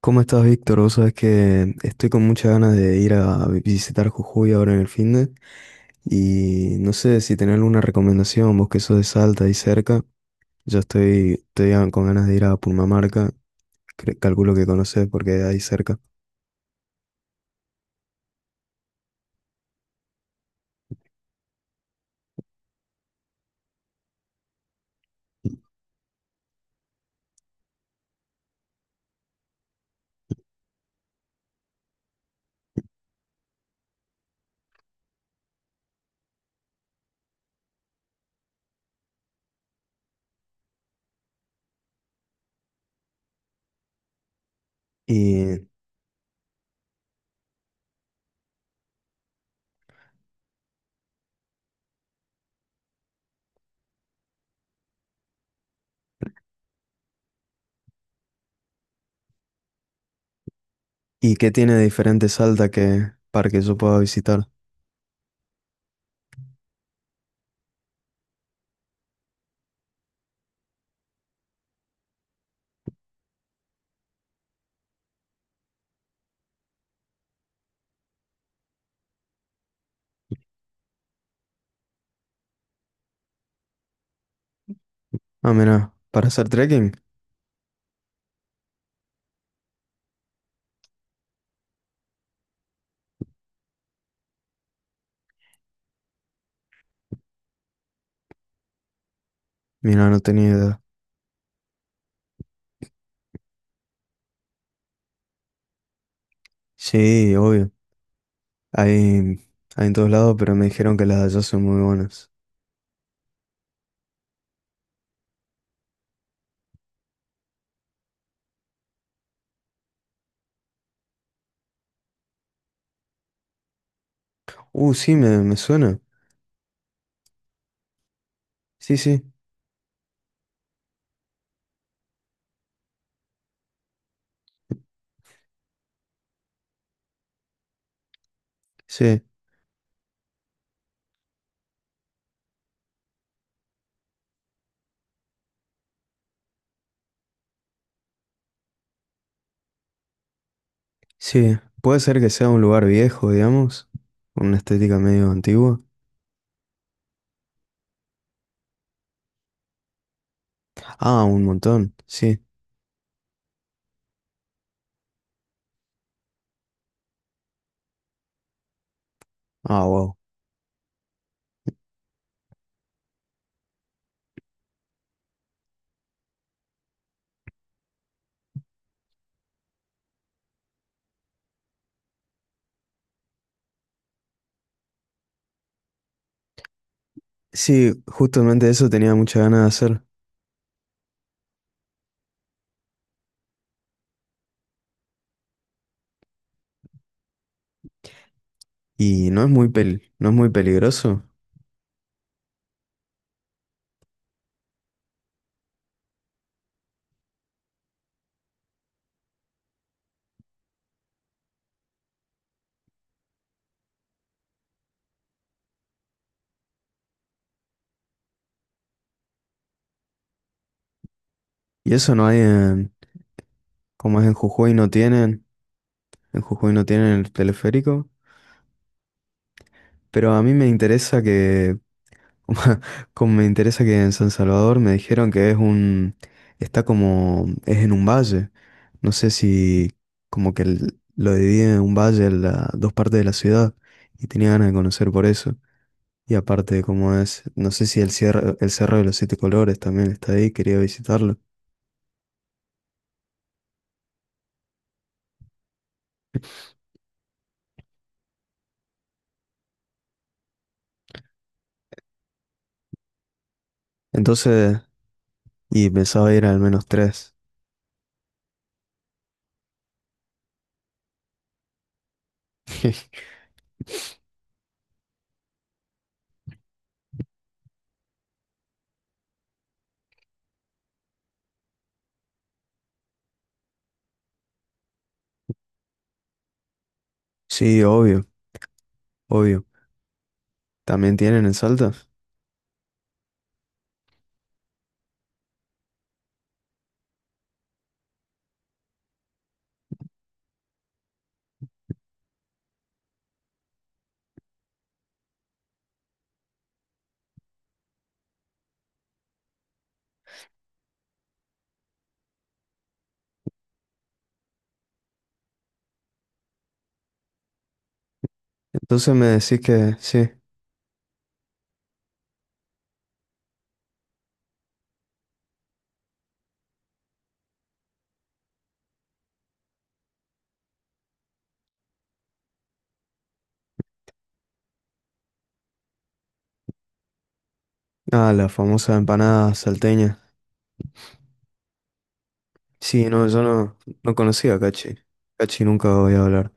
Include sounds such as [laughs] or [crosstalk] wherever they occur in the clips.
¿Cómo estás, Víctor? Vos sabés que estoy con muchas ganas de ir a visitar Jujuy ahora en el fin de y no sé si tenés alguna recomendación, vos que sos de Salta y cerca. Yo estoy con ganas de ir a Purmamarca, calculo que conocés porque ahí cerca. ¿Y, y qué tiene de diferente Salta que para que yo pueda visitar? Ah, mira, ¿para hacer trekking? Mira, no tenía idea. Sí, obvio. Hay, hay en todos lados, pero me dijeron que las de allá son muy buenas. Sí, me suena. Sí, sí, sí, sí. Puede ser que sea un lugar viejo, digamos, con una estética medio antigua. Ah, un montón, sí. Ah, wow. Sí, justamente eso tenía muchas ganas de hacer. Y no es muy peligroso. Y eso no hay en, como es en Jujuy no tienen, en Jujuy no tienen el teleférico. Pero a mí me interesa que como me interesa que en San Salvador me dijeron que es un, está como, es en un valle. No sé si como que lo divide en un valle en dos partes de la ciudad y tenía ganas de conocer por eso. Y aparte como es, no sé si el cierre, el Cerro de los Siete Colores también está ahí, quería visitarlo. Entonces, y pensaba ir al menos tres. [laughs] Sí, obvio, obvio. ¿También tienen en Salta? Entonces me decís que sí. Ah, la famosa empanada salteña. Sí, no, yo no, no conocía a Cachi. Cachi nunca voy a hablar.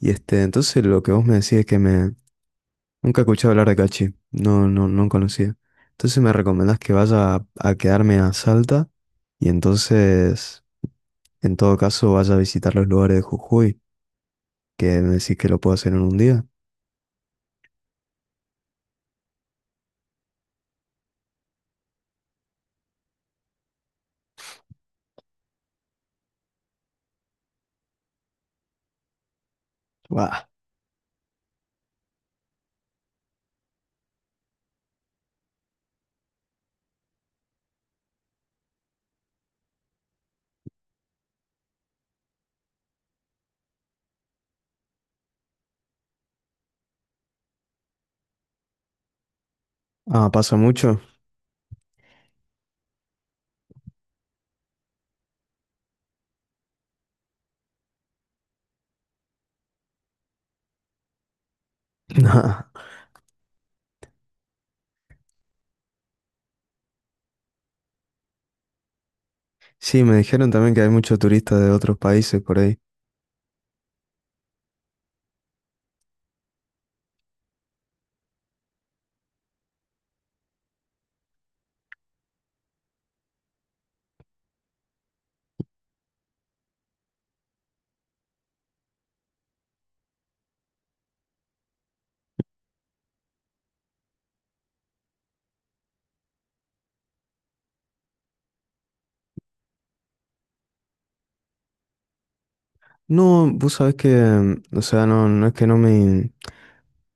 Y este, entonces lo que vos me decís es que me... Nunca escuché hablar de Cachi. No, no, no conocía. Entonces me recomendás que vaya a quedarme a Salta y entonces, en todo caso, vaya a visitar los lugares de Jujuy, que me decís que lo puedo hacer en un día. Buah. Ah, ¿pasa mucho? [laughs] Nah. Sí, me dijeron también que hay muchos turistas de otros países por ahí. No, vos sabés que, o sea, no, no es que no me,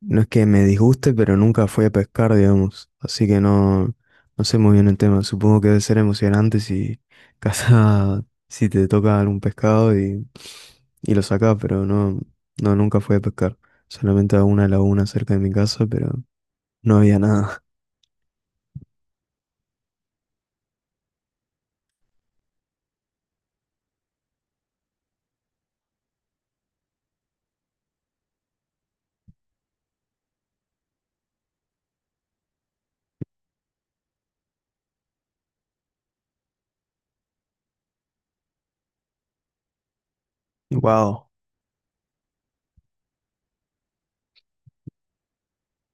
no es que me disguste, pero nunca fui a pescar, digamos. Así que no, no sé muy bien el tema. Supongo que debe ser emocionante si casa, [laughs] si te toca algún pescado y lo sacás, pero no, no, nunca fui a pescar. Solamente a una laguna cerca de mi casa, pero no había nada. [laughs] Wow.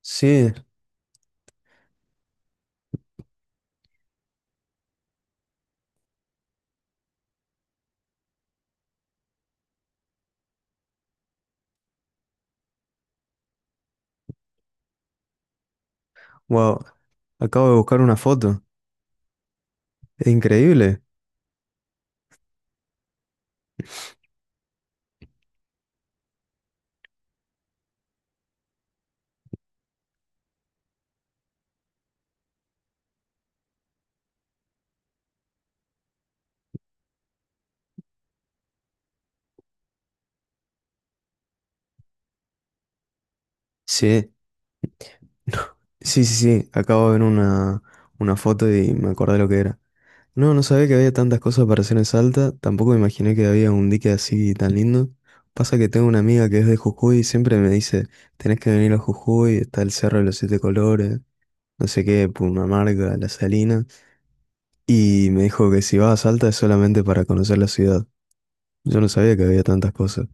Sí, wow. Acabo de buscar una foto. Es increíble. Sí, [laughs] sí, sí, sí. Acabo de ver una foto y me acordé lo que era. No, no sabía que había tantas cosas para hacer en Salta. Tampoco me imaginé que había un dique así tan lindo. Pasa que tengo una amiga que es de Jujuy y siempre me dice, tenés que venir a Jujuy, está el Cerro de los Siete Colores, no sé qué, Pumamarca, La Salina. Y me dijo que si vas a Salta es solamente para conocer la ciudad. Yo no sabía que había tantas cosas.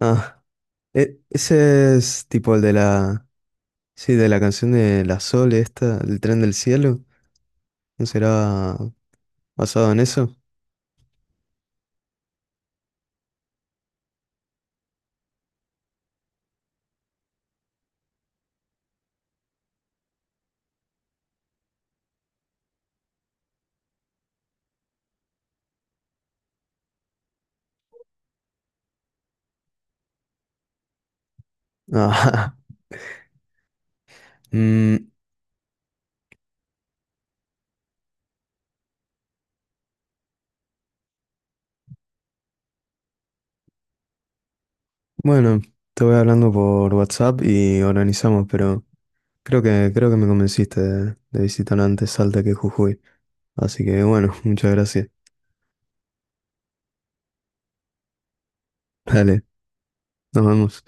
Ah, ese es tipo el de la... Sí, de la canción de La Sol, esta, El tren del cielo. ¿No será basado en eso? Ah, [laughs] mm, bueno, te voy hablando por WhatsApp y organizamos, pero creo que me convenciste de visitar antes Salta que Jujuy. Así que bueno, [laughs] muchas gracias. Dale, nos vemos.